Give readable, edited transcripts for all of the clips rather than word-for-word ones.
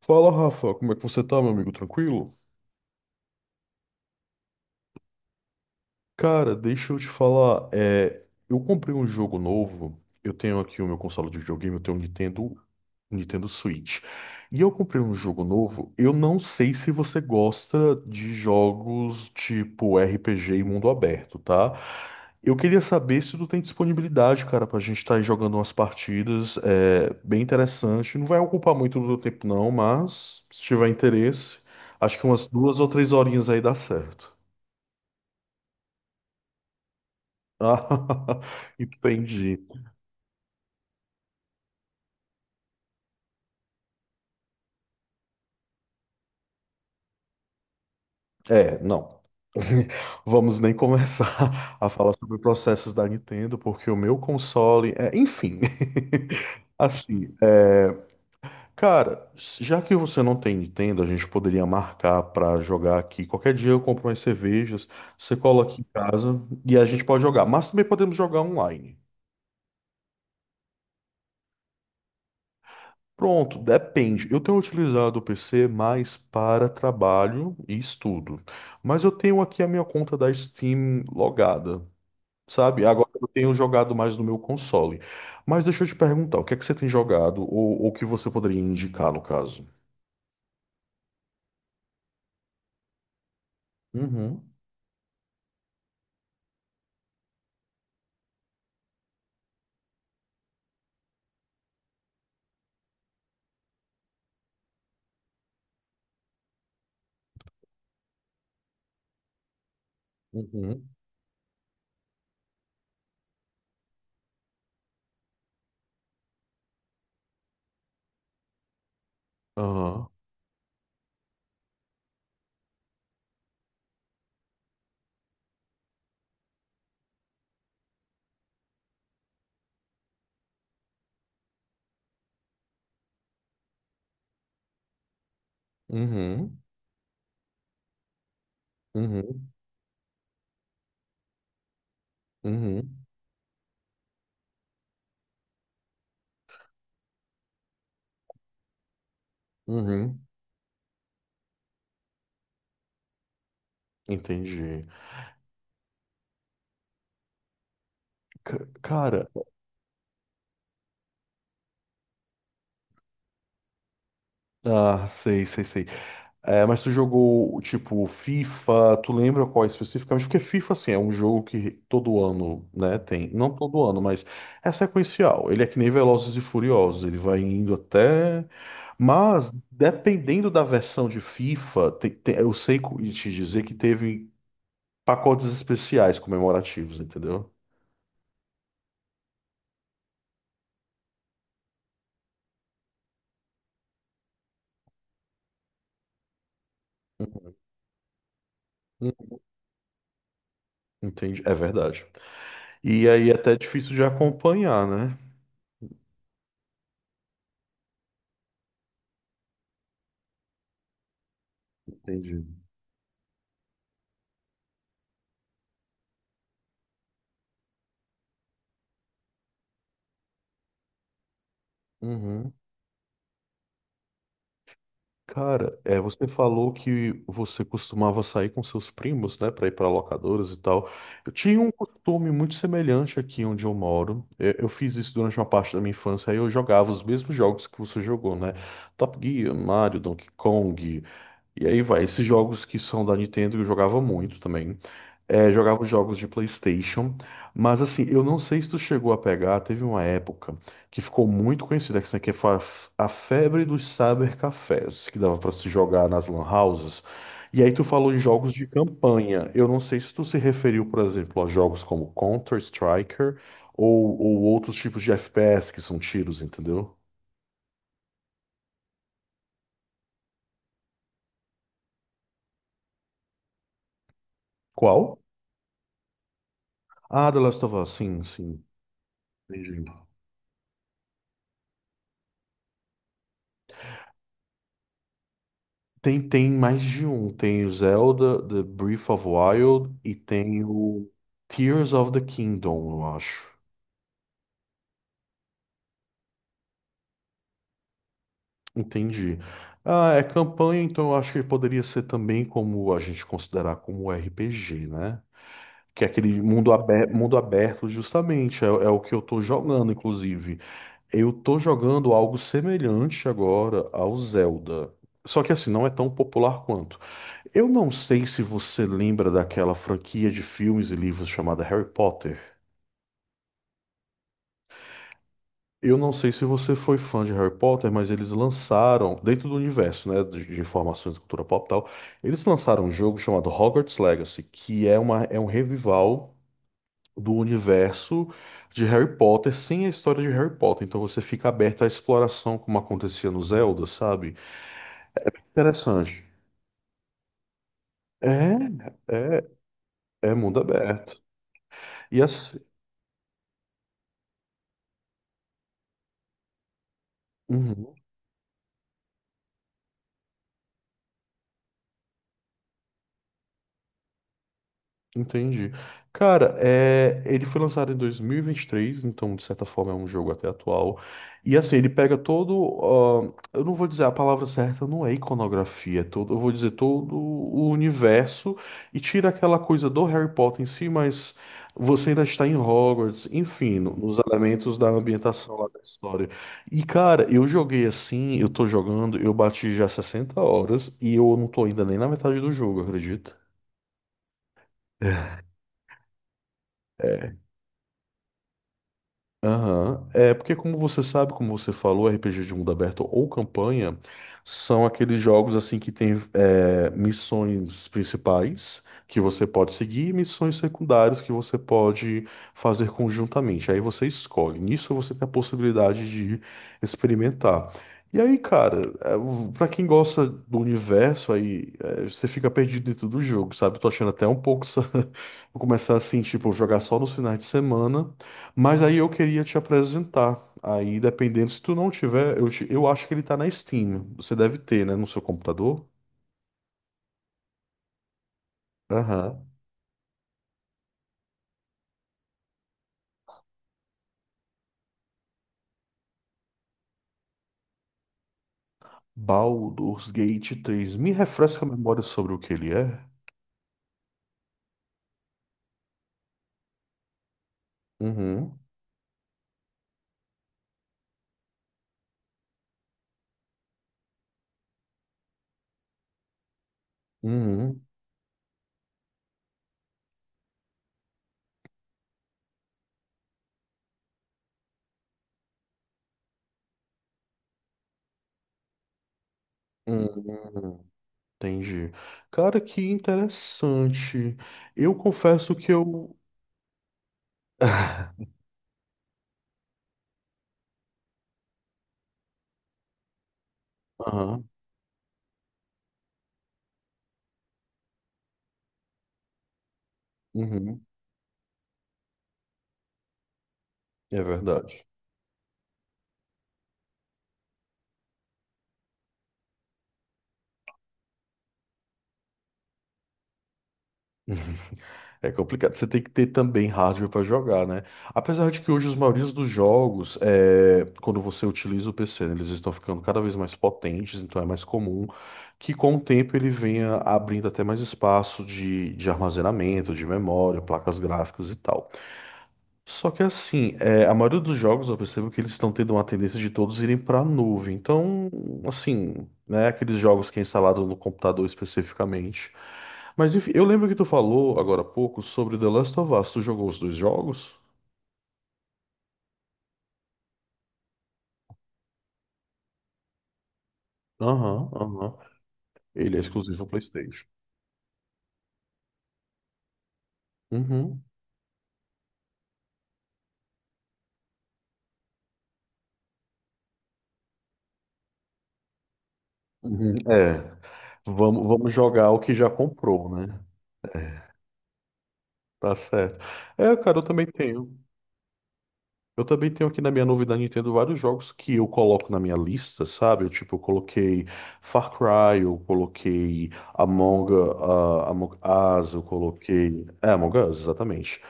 Fala, Rafa, como é que você tá, meu amigo? Tranquilo? Cara, deixa eu te falar. Eu comprei um jogo novo. Eu tenho aqui o meu console de videogame, eu tenho um Nintendo Switch. E eu comprei um jogo novo. Eu não sei se você gosta de jogos tipo RPG e mundo aberto, tá? Eu queria saber se tu tem disponibilidade, cara, pra gente estar aí jogando umas partidas. É bem interessante. Não vai ocupar muito do teu tempo, não, mas se tiver interesse, acho que umas duas ou três horinhas aí dá certo. Ah, entendi. É, não. Vamos nem começar a falar sobre processos da Nintendo, porque o meu console é, enfim. Assim, cara, já que você não tem Nintendo, a gente poderia marcar pra jogar aqui. Qualquer dia eu compro umas cervejas, você cola aqui em casa e a gente pode jogar. Mas também podemos jogar online. Pronto, depende. Eu tenho utilizado o PC mais para trabalho e estudo. Mas eu tenho aqui a minha conta da Steam logada, sabe? Agora eu tenho jogado mais no meu console. Mas deixa eu te perguntar, o que é que você tem jogado ou o que você poderia indicar no caso? Uhum, uhum, aham, uhum, uhum, uhum, uhum. Entendi. Cara, ah, sei, sei, sei. É, mas tu jogou, tipo, FIFA, tu lembra qual especificamente? Porque FIFA, assim, é um jogo que todo ano, né, tem. Não todo ano, mas é sequencial. Ele é que nem Velozes e Furiosos, ele vai indo até... Mas, dependendo da versão de FIFA, eu sei te dizer que teve pacotes especiais comemorativos, entendeu? Hum, Entendi, é verdade. E aí é até difícil de acompanhar, né? Entendi. Uhum. Cara, é, você falou que você costumava sair com seus primos, né, para ir para locadoras e tal. Eu tinha um costume muito semelhante aqui onde eu moro. É, eu fiz isso durante uma parte da minha infância. Aí eu jogava os mesmos jogos que você jogou, né? Top Gear, Mario, Donkey Kong. E aí vai, esses jogos que são da Nintendo eu jogava muito também. É, jogava os jogos de PlayStation, mas assim, eu não sei se tu chegou a pegar, teve uma época que ficou muito conhecida, que isso aqui foi a a febre dos cybercafés, que dava pra se jogar nas lan houses. E aí tu falou em jogos de campanha. Eu não sei se tu se referiu, por exemplo, a jogos como Counter-Striker ou outros tipos de FPS que são tiros, entendeu? Qual? Ah, The Last of Us, sim, sim. Entendi. Tem, tem mais de um. Tem o Zelda, The Breath of Wild e tem o Tears of the Kingdom, eu acho. Entendi. Ah, é campanha, então eu acho que poderia ser também como a gente considerar como RPG, né? Que é aquele mundo aberto justamente, é, é o que eu tô jogando, inclusive. Eu tô jogando algo semelhante agora ao Zelda. Só que assim, não é tão popular quanto. Eu não sei se você lembra daquela franquia de filmes e livros chamada Harry Potter. Eu não sei se você foi fã de Harry Potter, mas eles lançaram, dentro do universo, né, de informações de cultura pop e tal, eles lançaram um jogo chamado Hogwarts Legacy, que é uma, é um revival do universo de Harry Potter sem a história de Harry Potter. Então você fica aberto à exploração, como acontecia no Zelda, sabe? Interessante. É, é, é mundo aberto. E assim. Entendi. Cara, é, ele foi lançado em 2023, então de certa forma é um jogo até atual. E assim, ele pega todo, ah, eu não vou dizer a palavra certa, não é iconografia, é todo, eu vou dizer todo o universo e tira aquela coisa do Harry Potter em si, mas você ainda está em Hogwarts, enfim, nos elementos da ambientação lá da história. E cara, eu joguei assim, eu tô jogando, eu bati já 60 horas e eu não tô ainda nem na metade do jogo, acredita? Aham. É porque, como você sabe, como você falou, RPG de mundo aberto ou campanha são aqueles jogos assim que tem é, missões principais que você pode seguir e missões secundárias que você pode fazer conjuntamente. Aí você escolhe. Nisso você tem a possibilidade de experimentar. E aí, cara, é, pra quem gosta do universo, aí é, você fica perdido dentro do jogo, sabe? Tô achando até um pouco. Vou começar assim, tipo, jogar só nos finais de semana. Mas aí eu queria te apresentar. Aí, dependendo, se tu não tiver, eu, eu acho que ele tá na Steam. Você deve ter, né, no seu computador? Aham. Baldur's Gate 3. Me refresca a memória sobre o que ele é. Uhum. Uhum. Uhum. Entendi. Cara, que interessante. Eu confesso que eu. Aham. Uhum. É verdade. É complicado. Você tem que ter também hardware para jogar, né? Apesar de que hoje os maiores dos jogos, é, quando você utiliza o PC, né, eles estão ficando cada vez mais potentes, então é mais comum que com o tempo ele venha abrindo até mais espaço de armazenamento, de memória, placas gráficas e tal. Só que assim, é, a maioria dos jogos eu percebo que eles estão tendo uma tendência de todos irem para a nuvem. Então, assim, né, aqueles jogos que é instalado no computador especificamente. Mas enfim, eu lembro que tu falou agora há pouco sobre The Last of Us. Tu jogou os dois jogos? Aham, aham. Ele é exclusivo ao PlayStation. Uhum, uhum. É. Vamos, vamos jogar o que já comprou, né? Tá certo. É, cara, eu também tenho. Eu também tenho aqui na minha novidade Nintendo vários jogos que eu coloco na minha lista, sabe? Eu, tipo, eu coloquei Far Cry, eu coloquei Among Us, eu coloquei. É, Among Us, exatamente.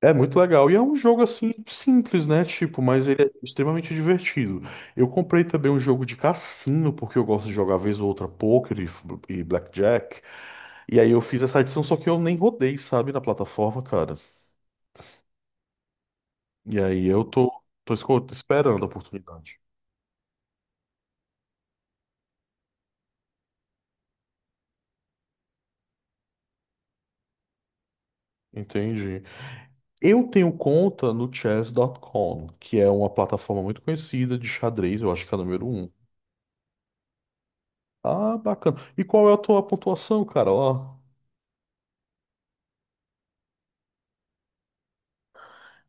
É muito legal. E é um jogo assim simples, né? Tipo, mas ele é extremamente divertido. Eu comprei também um jogo de cassino, porque eu gosto de jogar vez ou outra poker e blackjack. E aí eu fiz essa edição, só que eu nem rodei, sabe, na plataforma, cara. E aí eu tô esperando a oportunidade. Entendi. Eu tenho conta no chess.com, que é uma plataforma muito conhecida de xadrez, eu acho que é a número um. Ah, bacana. E qual é a tua pontuação, cara? Ó.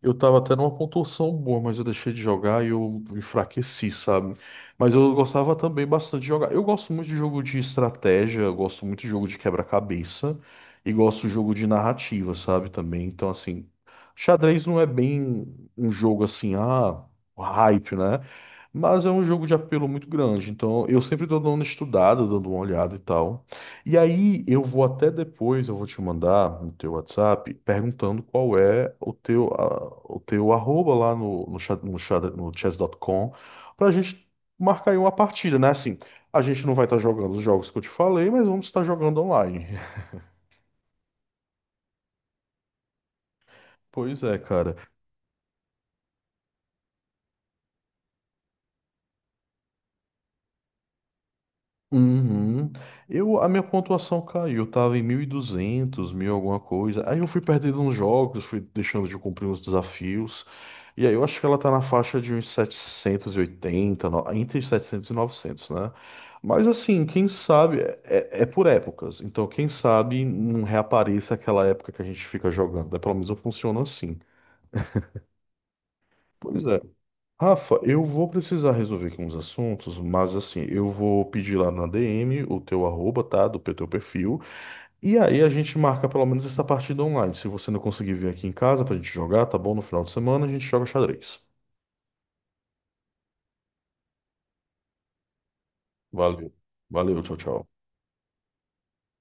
Eu tava até numa pontuação boa, mas eu deixei de jogar e eu enfraqueci, sabe? Mas eu gostava também bastante de jogar. Eu gosto muito de jogo de estratégia, eu gosto muito de jogo de quebra-cabeça e gosto de jogo de narrativa, sabe? Também. Então, assim, xadrez não é bem um jogo assim, ah, hype, né? Mas é um jogo de apelo muito grande. Então, eu sempre tô dando uma estudada, dando uma olhada e tal. E aí, eu vou até depois, eu vou te mandar no teu WhatsApp perguntando qual é o teu, o teu arroba lá no chess.com pra gente marcar aí uma partida, né? Assim, a gente não vai estar jogando os jogos que eu te falei, mas vamos estar jogando online. Pois é, cara. Uhum. Eu, a minha pontuação caiu, eu tava em 1.200 mil alguma coisa. Aí eu fui perdendo uns jogos, fui deixando de cumprir uns desafios. E aí eu acho que ela tá na faixa de uns 780, entre 700 e 900, né? Mas assim, quem sabe, é, é por épocas. Então, quem sabe não reapareça aquela época que a gente fica jogando, né? Pelo menos funciona assim. Pois é. Rafa, eu vou precisar resolver aqui uns assuntos, mas assim, eu vou pedir lá na DM o teu arroba, tá? Do teu perfil. E aí a gente marca pelo menos essa partida online. Se você não conseguir vir aqui em casa pra gente jogar, tá bom? No final de semana a gente joga xadrez. Valeu. Valeu, tchau, tchau.